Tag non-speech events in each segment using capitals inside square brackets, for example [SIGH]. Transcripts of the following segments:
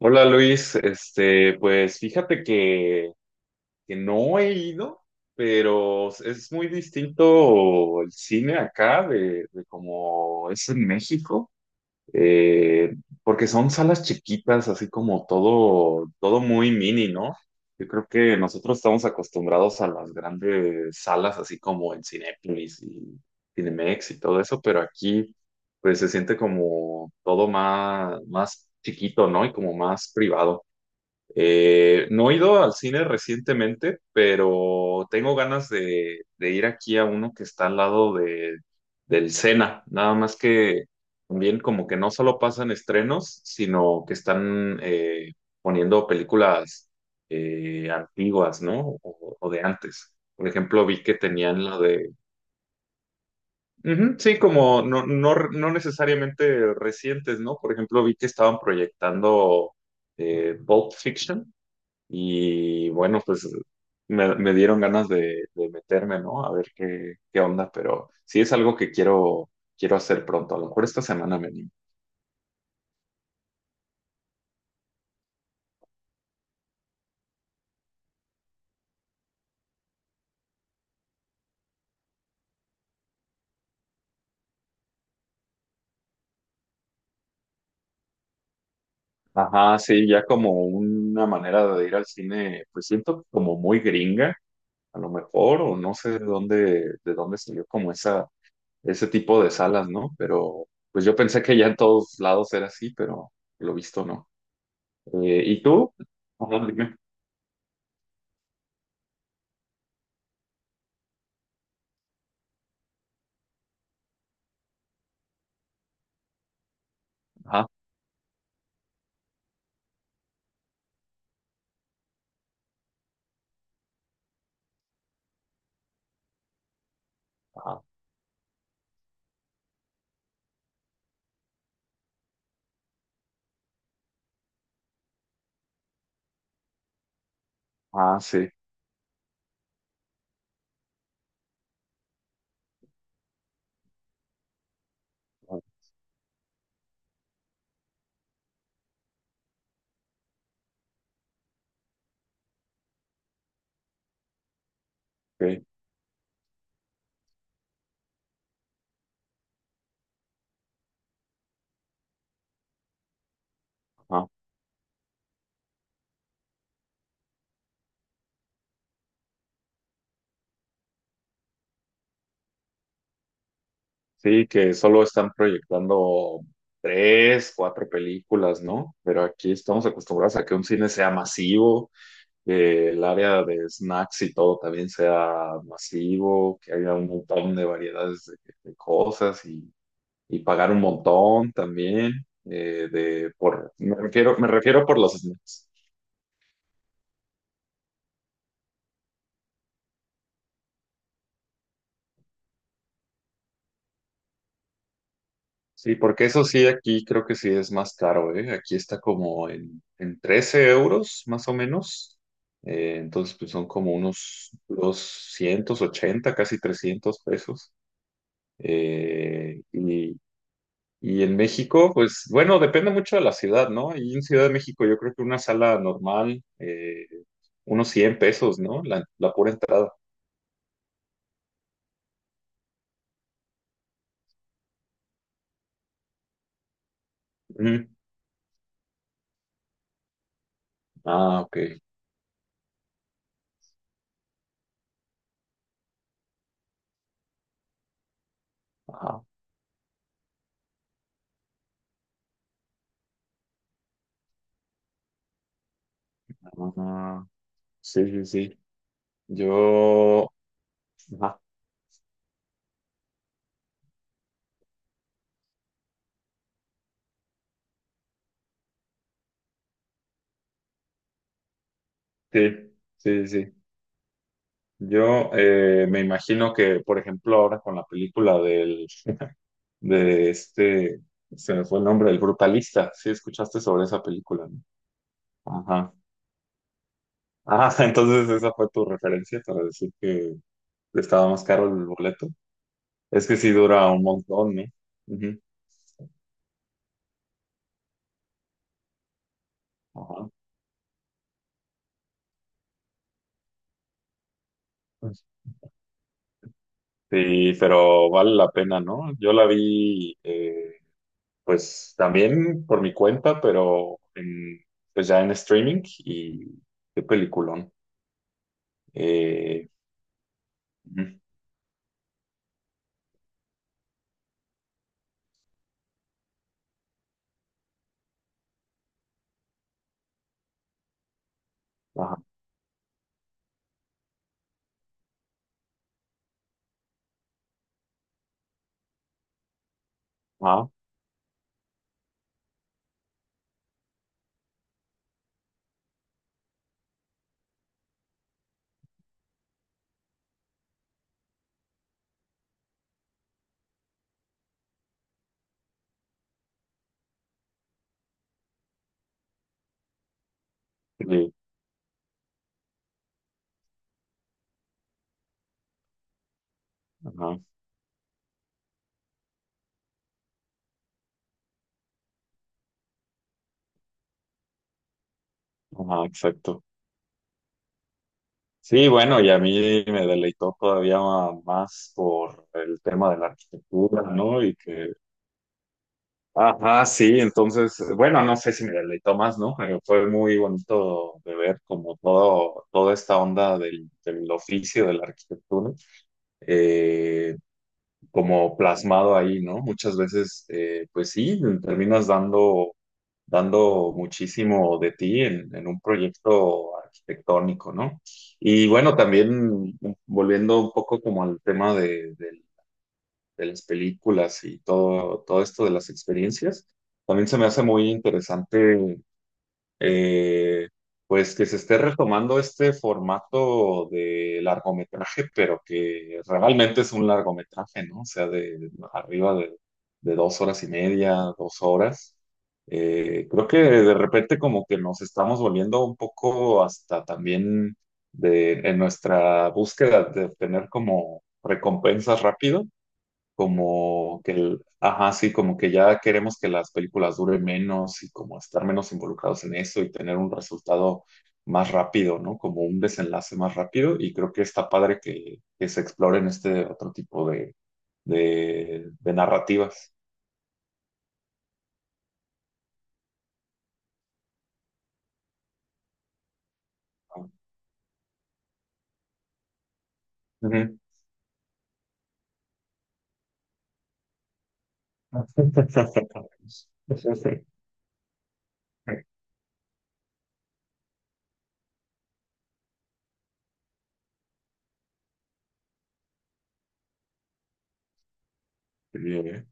Hola Luis, pues fíjate que no he ido, pero es muy distinto el cine acá de como es en México. eh, Porque son salas chiquitas, así como todo, todo muy mini, ¿no? Yo creo que nosotros estamos acostumbrados a las grandes salas, así como en Cinépolis y Cinemex y todo eso, pero aquí pues se siente como todo más, más chiquito, ¿no? Y como más privado. No he ido al cine recientemente, pero tengo ganas de ir aquí a uno que está al lado del Sena. Nada más que también como que no solo pasan estrenos, sino que están poniendo películas antiguas, ¿no? O de antes. Por ejemplo, vi que tenían la de... Ujú, sí, como no, no, no necesariamente recientes, ¿no? Por ejemplo, vi que estaban proyectando Pulp Fiction y bueno, pues me dieron ganas de meterme, ¿no? A ver qué, qué onda, pero sí es algo que quiero, quiero hacer pronto. A lo mejor esta semana me animo. Ajá, sí, ya como una manera de ir al cine, pues siento como muy gringa, a lo mejor, o no sé de dónde salió como esa, ese tipo de salas, ¿no? Pero pues yo pensé que ya en todos lados era así, pero lo visto no. ¿Y tú? Ajá, dime. Ajá, ajá, ah, sí. Ok. Ajá. Sí, que solo están proyectando tres, cuatro películas, ¿no? Pero aquí estamos acostumbrados a que un cine sea masivo, que el área de snacks y todo también sea masivo, que haya un montón de variedades de cosas y pagar un montón también de por me refiero por los snacks. Sí, porque eso sí, aquí creo que sí es más caro, ¿eh? Aquí está como en 13 euros, más o menos. Entonces, pues son como unos 280, casi 300 pesos. Eh, y, y en México, pues bueno, depende mucho de la ciudad, ¿no? Y en Ciudad de México yo creo que una sala normal, unos 100 pesos, ¿no? La pura entrada. Ujú. Ah, ok. Ajá. Ah, ah, sí, sí, sí. Yo... ajá. Sí, sí, sí. Yo me imagino que, por ejemplo, ahora con la película del, de este, se me fue el nombre, el Brutalista, sí escuchaste sobre esa película, ¿no? Ajá. Ah, [LAUGHS] entonces esa fue tu referencia para decir que estaba más caro el boleto. Es que sí dura un montón, ¿no? Ujú. Ajá. Sí, pero vale la pena, ¿no? Yo la vi, pues también por mi cuenta, pero en- pues ya en streaming y qué peliculón. Eh, ujú, ajá, ajá, sí, ajá, ajá, exacto. Sí, bueno, y a mí me deleitó todavía más por el tema de la arquitectura, ¿no? Y que, ajá, sí, entonces, bueno, no sé si me deleitó más, ¿no? Pero fue muy bonito de ver como todo, toda esta onda del, del oficio de la arquitectura. Eh, Como plasmado ahí, ¿no? Muchas veces, pues sí, terminas dando, dando muchísimo de ti en un proyecto arquitectónico, ¿no? Y bueno, también volviendo un poco como al tema de, del- de las películas y todo, todo esto de las experiencias, también se me hace muy interesante eh, pues que se esté retomando este formato de largometraje, pero que realmente es un largometraje, ¿no? O sea, de arriba de 2 horas y media, 2 horas. Creo que de repente como que nos estamos volviendo un poco hasta también de, en nuestra búsqueda de obtener como recompensas rápido como que el, ajá, sí, como que ya queremos que las películas duren menos y como estar menos involucrados en eso y tener un resultado más rápido, ¿no? Como un desenlace más rápido y creo que está padre que se exploren este otro tipo de narrativas. ¿No? Ujú. [LAUGHS] Sí, eh.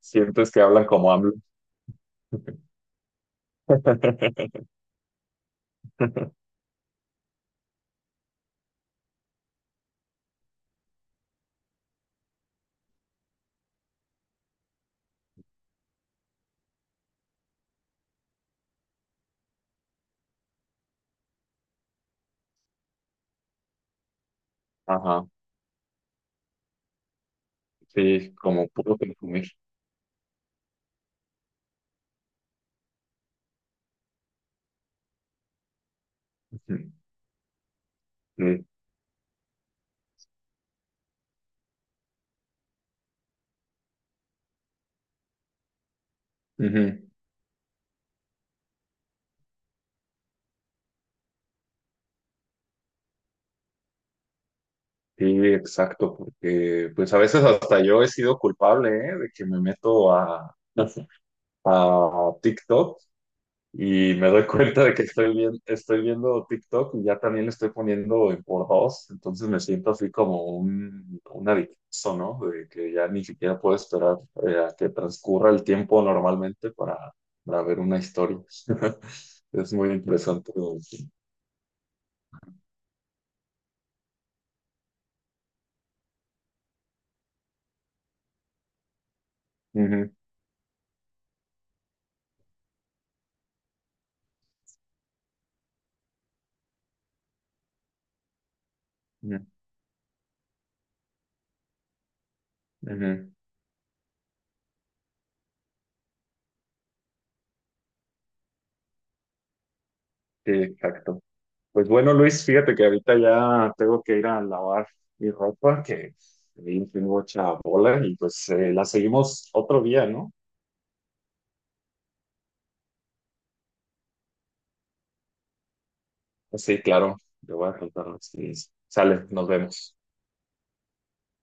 Sientes que hablan como hablan. [LAUGHS] Ajá, sí, como puro consumir. Ujú, sí. Ujú. Sí, exacto, porque pues a veces hasta yo he sido culpable, ¿eh? De que me meto a TikTok y me doy [LAUGHS] cuenta de que estoy, bien, estoy viendo TikTok y ya también le estoy poniendo en por 2, entonces me siento así como un adicto, ¿no? De que ya ni siquiera puedo esperar a que transcurra el tiempo normalmente para ver una historia. [LAUGHS] Es muy interesante. Ujú, ujú, ujú. Sí, exacto. Pues bueno, Luis, fíjate que ahorita ya tengo que ir a lavar mi ropa, que vi tengo mucha bola, y pues la seguimos otro día, ¿no? Sí, claro, te voy a contar. Sí, sale, nos vemos.